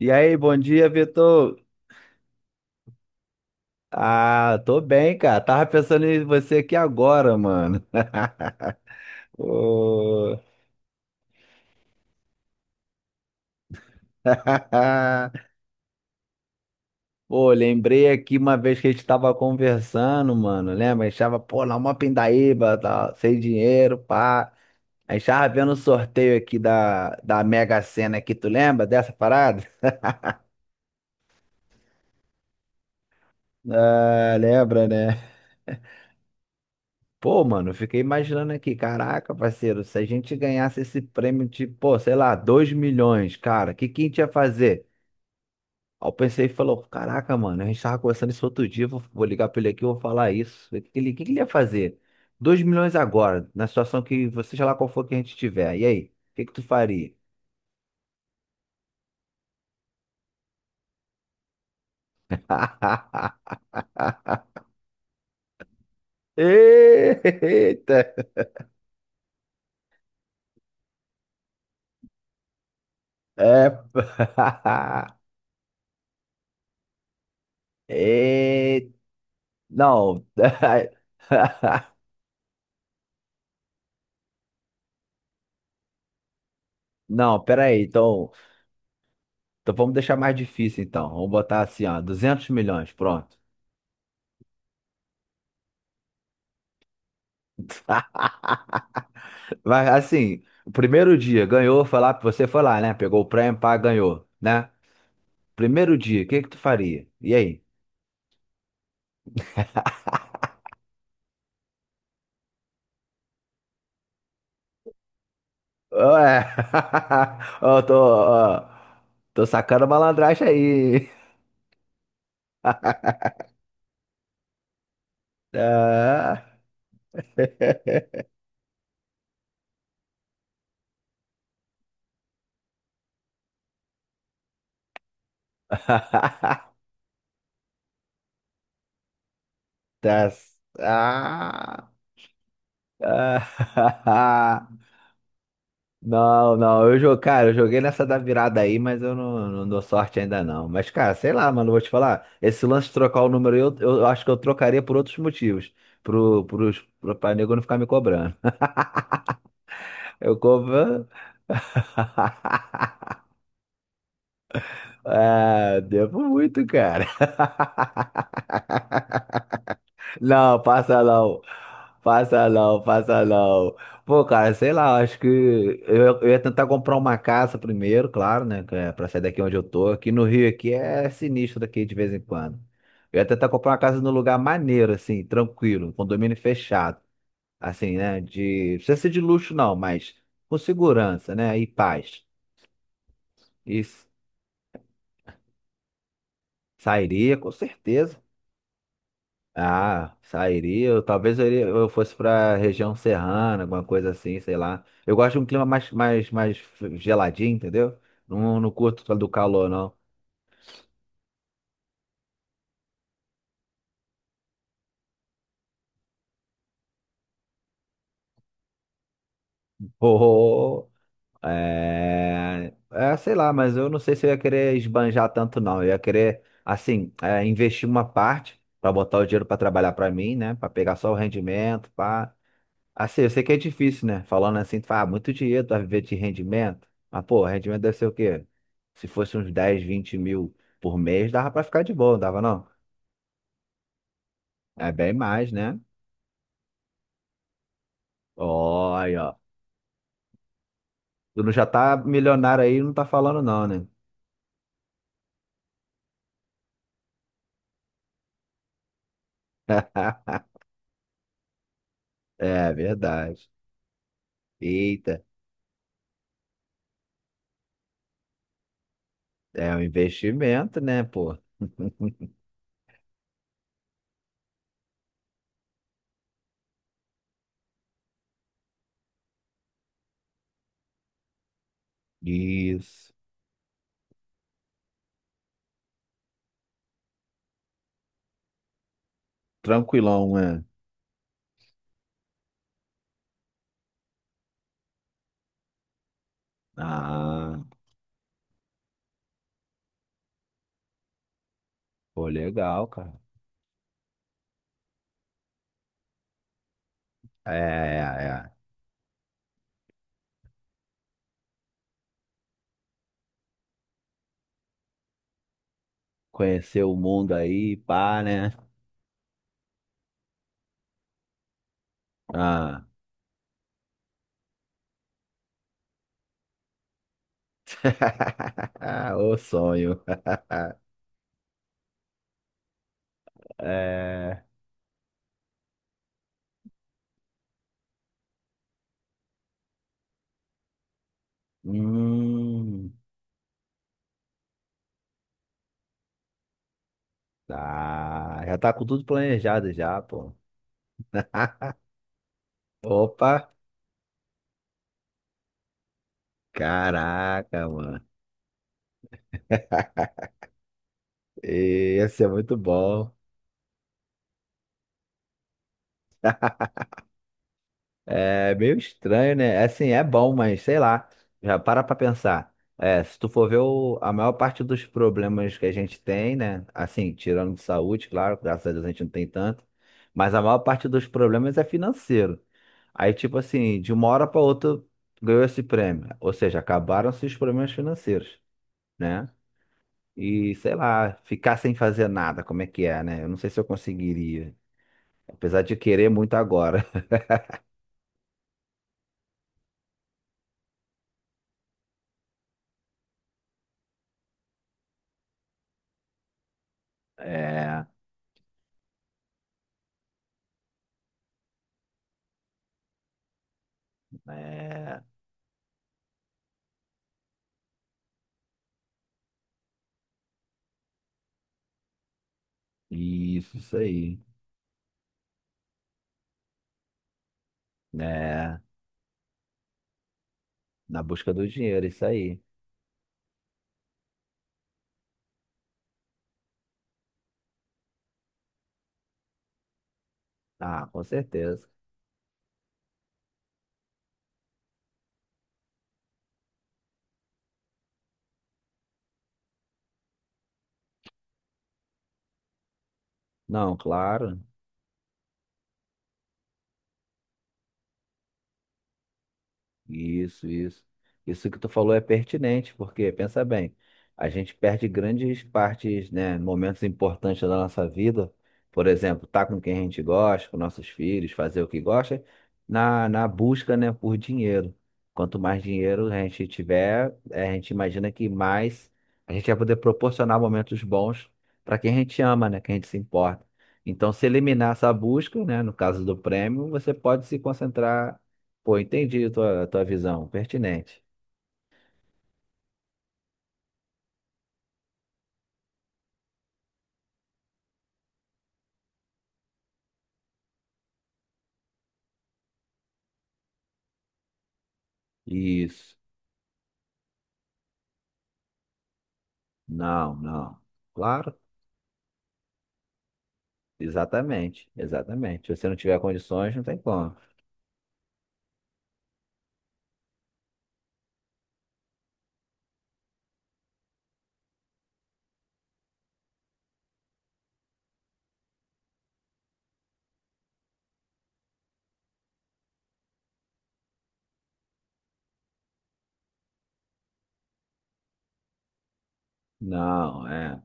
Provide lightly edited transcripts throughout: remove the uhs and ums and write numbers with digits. E aí, bom dia, Vitor. Ah, tô bem, cara. Tava pensando em você aqui agora, mano. Pô, Pô, lembrei aqui uma vez que a gente tava conversando, mano. Lembra? A gente tava, pô, na uma pindaíba, tá, sem dinheiro, pá. A gente tava vendo o sorteio aqui da Mega Sena aqui, tu lembra dessa parada? Ah, lembra, né? Pô, mano, eu fiquei imaginando aqui, caraca, parceiro, se a gente ganhasse esse prêmio de, pô, sei lá, 2 milhões, cara, o que que a gente ia fazer? Aí eu pensei e falou, caraca, mano, a gente tava conversando isso outro dia, vou ligar pra ele aqui, vou falar isso. O que que ele ia fazer? 2 milhões agora, na situação que você, sei lá qual for que a gente tiver. E aí, o que que tu faria? Eita! É. E... Não. Não, peraí, então. Então vamos deixar mais difícil, então. Vamos botar assim, ó, 200 milhões, pronto. Mas assim, o primeiro dia ganhou, foi lá, você foi lá, né? Pegou o prêmio, pá, ganhou, né? Primeiro dia, o que que tu faria? E aí? Ué, eu tô, ó, tô sacando malandragem aí. Ah. Tá. Ah. Ah. Não, não, eu joguei, cara, eu joguei nessa da virada aí, mas eu não dou sorte ainda não. Mas, cara, sei lá, mano, eu vou te falar, esse lance de trocar o número aí, eu acho que eu trocaria por outros motivos, pra nego não ficar me cobrando. Eu cobro. Ah, devo muito, cara. Não, passa não. Passa não, passa não. Pô, cara, sei lá, acho que eu ia tentar comprar uma casa primeiro, claro, né? Que pra sair daqui onde eu tô. Aqui no Rio aqui é sinistro daqui de vez em quando. Eu ia tentar comprar uma casa num lugar maneiro, assim, tranquilo, um condomínio fechado. Assim, né? De. Não precisa ser de luxo, não, mas com segurança, né? E paz. Isso. Sairia, com certeza. Ah, sairia. Eu, talvez eu, fosse pra região serrana, alguma coisa assim, sei lá. Eu gosto de um clima mais geladinho, entendeu? Não, não curto do calor, não. Oh, é, é, sei lá, mas eu não sei se eu ia querer esbanjar tanto, não. Eu ia querer, assim, investir uma parte para botar o dinheiro para trabalhar para mim, né? Para pegar só o rendimento, pá. Assim, eu sei que é difícil, né? Falando assim, tu fala, ah, muito dinheiro, tu vai viver de rendimento. Mas, pô, rendimento deve ser o quê? Se fosse uns 10, 20 mil por mês, dava pra ficar de boa, não dava não? É bem mais, né? Olha, ó. Tu não já tá milionário aí, e não tá falando não, né? É verdade. Eita, é um investimento, né, pô? Isso. Tranquilão, né? Ah, pô, legal, cara. É, é, é. Conhecer o mundo aí, pá, né? Ah. O sonho. É. Hum. Tá. Já tá com tudo planejado já, pô. Opa! Caraca, mano. E ia ser muito bom. É meio estranho, né? Assim, é bom, mas sei lá. Já para pra pensar. É, se tu for ver a maior parte dos problemas que a gente tem, né? Assim, tirando de saúde, claro, graças a Deus a gente não tem tanto. Mas a maior parte dos problemas é financeiro. Aí, tipo assim, de uma hora para outra ganhou esse prêmio. Ou seja, acabaram-se os problemas financeiros, né? E sei lá, ficar sem fazer nada, como é que é, né? Eu não sei se eu conseguiria, apesar de querer muito agora. É, é, isso aí, né? Na busca do dinheiro, isso aí. Ah, com certeza. Não, claro. Isso, isso. Isso que tu falou é pertinente, porque, pensa bem, a gente perde grandes partes, né, momentos importantes da nossa vida, por exemplo, estar com quem a gente gosta, com nossos filhos, fazer o que gosta, na busca, né, por dinheiro. Quanto mais dinheiro a gente tiver, a gente imagina que mais a gente vai poder proporcionar momentos bons para quem a gente ama, né, quem a gente se importa. Então, se eliminar essa busca, né, no caso do prêmio, você pode se concentrar. Pô, entendi a tua visão, pertinente. Isso. Não, não. Claro, exatamente, exatamente. Se você não tiver condições, não tem como. Não, é.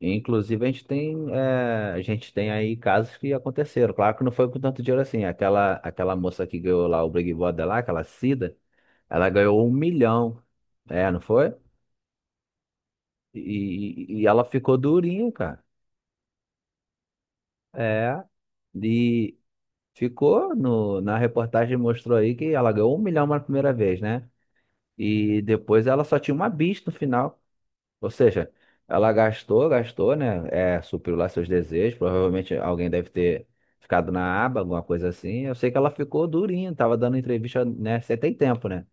Inclusive, a gente tem aí casos que aconteceram. Claro que não foi com tanto dinheiro assim. Aquela moça que ganhou lá o Big Brother lá, aquela Cida, ela ganhou 1 milhão. É, não foi? E ela ficou durinha, cara. É. E, Ficou no, na reportagem mostrou aí que ela ganhou 1 milhão na primeira vez, né? E depois ela só tinha uma bis no final. Ou seja, ela gastou, gastou, né? É, supriu lá seus desejos. Provavelmente alguém deve ter ficado na aba, alguma coisa assim. Eu sei que ela ficou durinha, tava dando entrevista, né? Você tem tempo, né?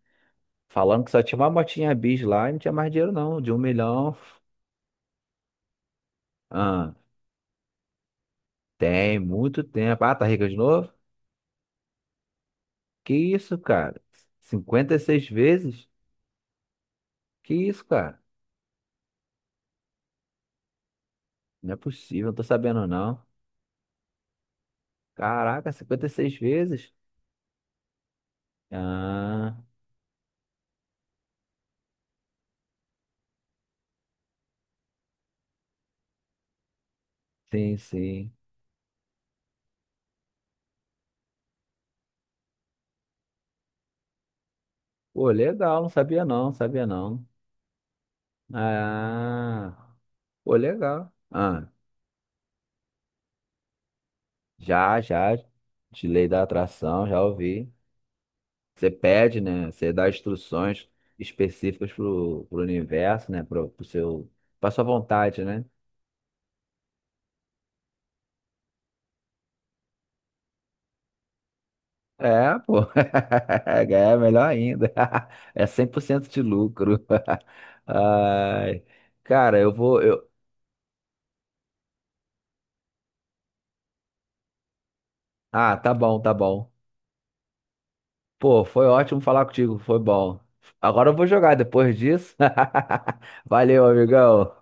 Falando que só tinha uma motinha bis lá e não tinha mais dinheiro, não. De 1 milhão. Ah, tem muito tempo. Ah, tá rica de novo? Que isso, cara? 56 vezes? Que isso, cara? Não é possível, não tô sabendo não. Caraca, 56 vezes? Ah, sim, sim. Pô, legal, não sabia não, sabia não. Ah, pô, legal. Ah, já, já, de lei da atração, já ouvi. Você pede, né? Você dá instruções específicas pro universo, né? Pro seu, pra sua vontade, né? É, pô. É melhor ainda. É 100% de lucro. Ai, cara, eu vou. Ah, tá bom, tá bom. Pô, foi ótimo falar contigo, foi bom. Agora eu vou jogar depois disso. Valeu, amigão.